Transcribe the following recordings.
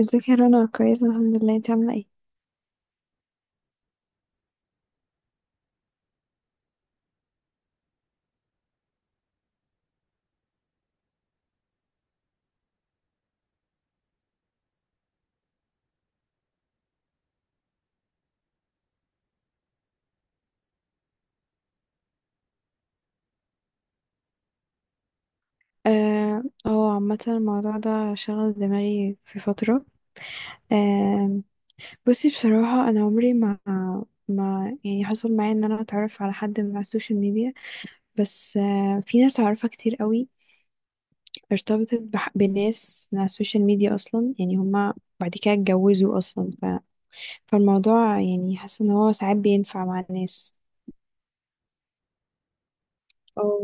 ازيك يا رنا، كويسة الحمد لله، انت عاملة ايه؟ اه، هو عامة الموضوع ده شغل دماغي في فترة. آه. بصي بصراحة انا عمري ما يعني حصل معايا ان انا اتعرف على حد من على السوشيال ميديا. بس في ناس اعرفها كتير قوي ارتبطت بناس من على السوشيال ميديا اصلا، يعني هما بعد كده اتجوزوا اصلا فالموضوع، يعني حاسة ان هو ساعات بينفع مع الناس او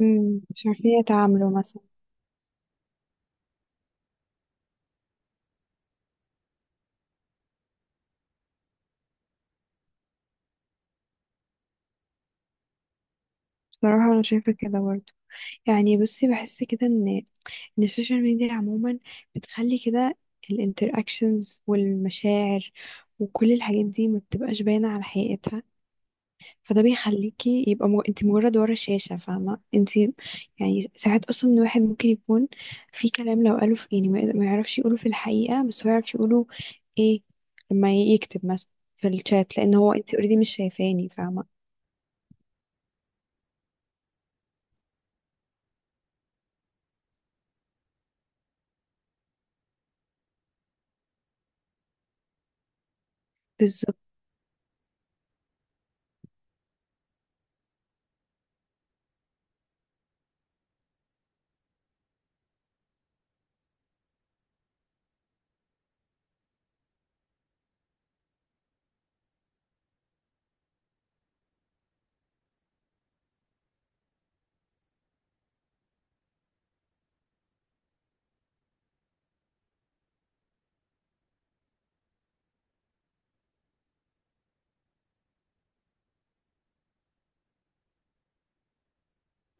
مم، مش عارفين يتعاملوا مثلا. بصراحة انا شايفة كده برضه. يعني بصي بحس كده ان السوشيال ميديا عموما بتخلي كده الانتراكشنز والمشاعر، وكل الحاجات دي ما بتبقاش باينة على حقيقتها. فده بيخليكي يبقى انت مجرد ورا شاشة، فاهمة انت؟ يعني ساعات اصلا الواحد ممكن يكون في كلام لو قاله في، يعني ما يعرفش يقوله في الحقيقة، بس هو يعرف يقوله، ايه، لما يكتب مثلا في الشات، لان هو انت اوريدي مش شايفاني، فاهمة؟ بالظبط.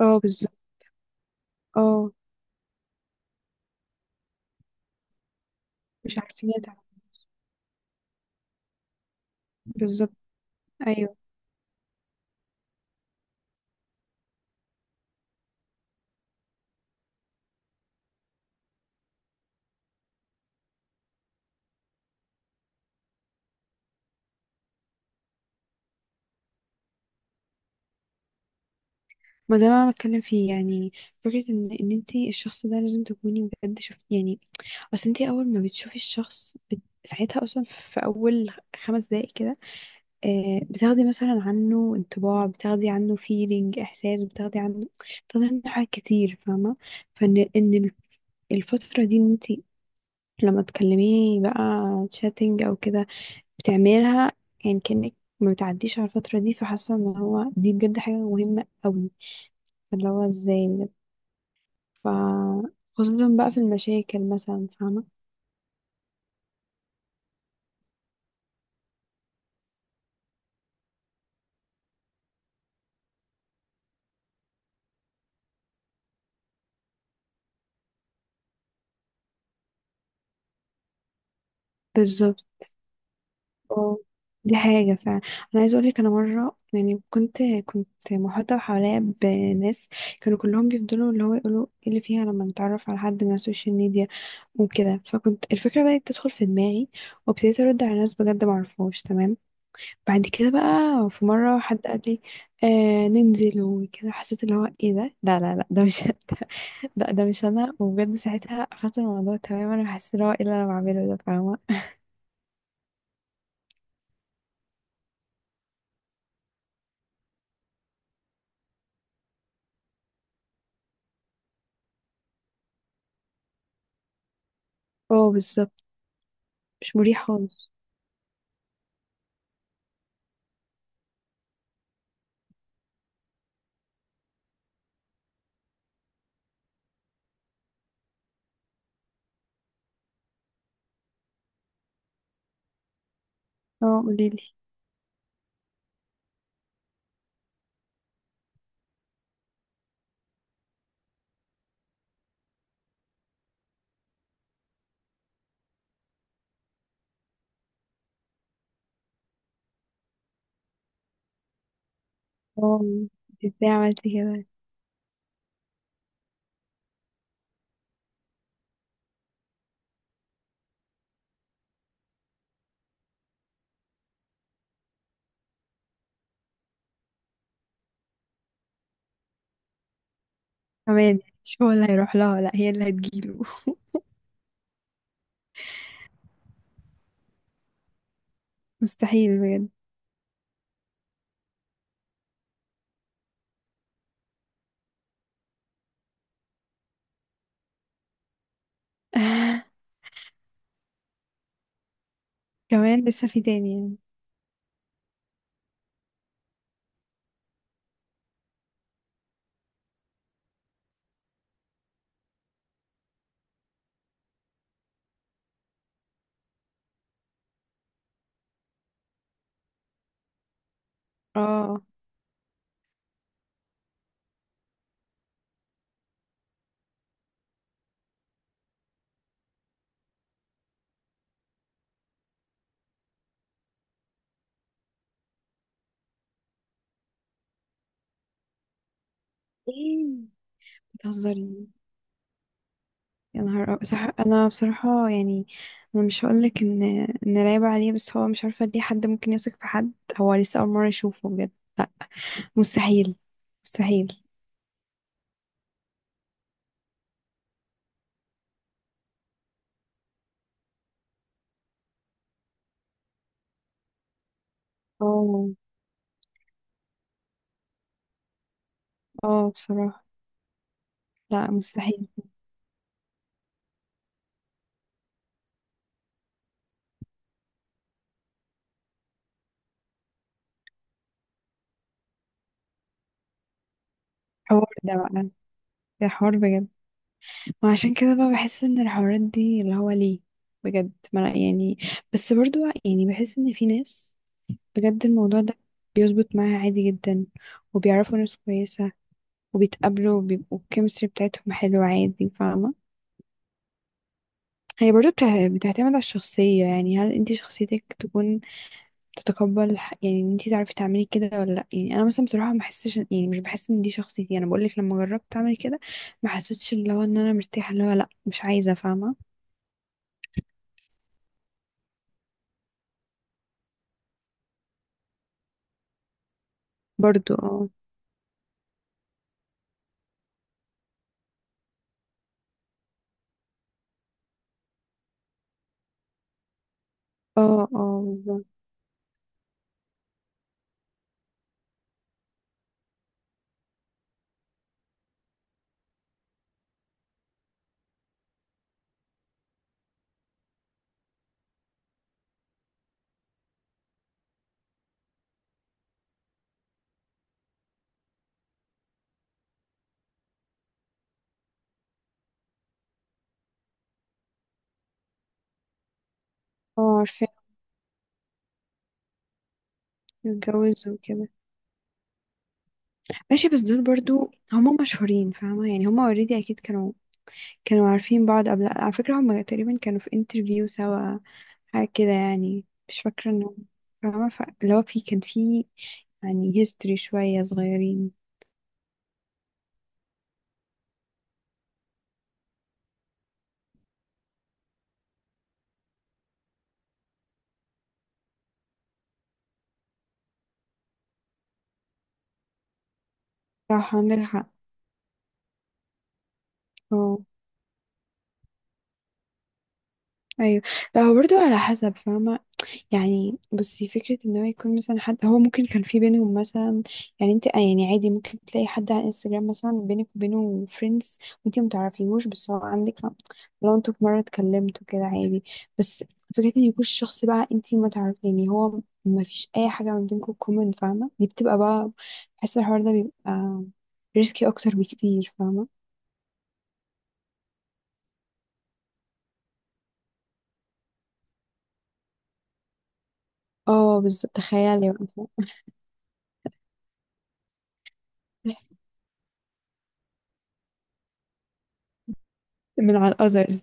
اه بالظبط. اه مش عارفين يدعموا. بالظبط. ايوه، ما ده اللي انا بتكلم فيه يعني، فكره ان انت الشخص ده لازم تكوني بجد شفت، يعني اصل انت اول ما بتشوفي الشخص ساعتها اصلا في اول 5 دقايق كده بتاخدي مثلا عنه انطباع، بتاخدي عنه فيلينج، احساس بتاخدي عنه، بتاخدي عنه حاجات كتير، فاهمه؟ فان الفتره دي، ان انت لما تكلميه بقى، تشاتنج او كده، بتعملها يعني كأنك ما بتعديش على الفترة دي. فحاسة ان هو دي بجد حاجة مهمة قوي، اللي هو ازاي بجد. ف خصوصا بقى في المشاكل مثلا، فاهمة؟ بالظبط. اه دي حاجة فعلا. أنا عايزة أقولك، أنا مرة يعني كنت محاطة حواليا بناس كانوا كلهم بيفضلوا اللي هو يقولوا ايه اللي فيها لما نتعرف على حد من على السوشيال ميديا وكده، فكنت الفكرة بدأت تدخل في دماغي، وابتديت أرد على ناس بجد معرفهاش. تمام. بعد كده بقى في مرة حد قال لي آه ننزل وكده، حسيت اللي هو ايه ده؟ لا لا لا، ده مش لا ده مش انا، وبجد ساعتها قفلت الموضوع تماما وحسيت اللي هو ايه اللي انا بعمله ده، فاهمة؟ اه بالظبط. مش مريح خالص. اه قوليلي. اه، انت ازاي عملتي كده؟ كمان مش هو اللي هيروح لها، لا هي اللي هتجيله؟ مستحيل بجد. كمان لسه في تاني يعني؟ اه. ايه؟ بتهزري؟ يا نهار صح. انا بصراحة يعني انا مش هقولك ان رايبة عليه، بس هو مش عارفة ليه حد ممكن يثق في حد، هو لسه اول مرة يشوفه بجد. لا. مستحيل. مستحيل. اه. اه بصراحة لا مستحيل. حوار ده بقى، ده حوار بجد. وعشان كده بقى بحس ان الحوارات دي اللي هو ليه بجد ما لا يعني. بس برضو يعني بحس ان في ناس بجد الموضوع ده بيظبط معاها عادي جدا، وبيعرفوا ناس كويسة وبيتقابلوا وبيبقوا الكيمستري بتاعتهم حلوة عادي، فاهمة؟ هي برضو بتعتمد على الشخصية، يعني هل انتي شخصيتك تكون تتقبل يعني ان انتي تعرفي تعملي كده ولا لا؟ يعني انا مثلا بصراحة ما بحسش، يعني مش بحس ان دي شخصيتي. انا بقولك لما جربت اعمل كده ما حسيتش اللي هو ان انا مرتاحة، اللي هو لا مش عايزة، فاهمة؟ برضو اه. اه. اه بالظبط. اه عارفة. اتجوز وكده. ماشي، بس دول برضو هما مشهورين، فاهمة؟ يعني هما اوريدي اكيد كانوا عارفين بعض قبل، على فكرة هما تقريبا كانوا في انترفيو سوا، حاجة كده يعني، مش فاكرة انه، فاهمة اللي هو كان في يعني هيستوري شوية صغيرين. صح عندك حق. اه ايوه. لا هو برضه على حسب فاهمة. يعني بصي فكرة ان هو يكون مثلا حد هو ممكن كان في بينهم مثلا، يعني انت يعني عادي ممكن تلاقي حد على انستجرام مثلا بينك وبينه فريندز وانت متعرفيهوش، بس هو عندك لو انتوا في مرة اتكلمتوا كده عادي، بس فكرة ان يكون الشخص بقى انت ما تعرف، يعني هو ما فيش اي حاجة ما بينكم كومن، فاهمة؟ دي بتبقى بقى، بحس الحوار ده بيبقى ريسكي اكتر بكتير، فاهمة؟ اه بالظبط، تخيلي بقى، من على الاذرز.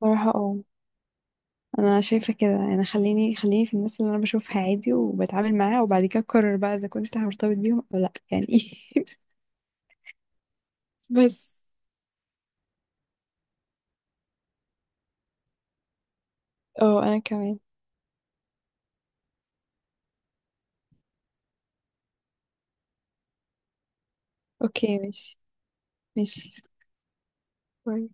صراحة اه، انا شايفه كده، يعني خليني خليني في الناس اللي انا بشوفها عادي وبتعامل معاها، وبعد كده اقرر بقى اذا كنت هرتبط بيهم او لا يعني. بس اه انا كمان. اوكي ماشي. ماشي، باي.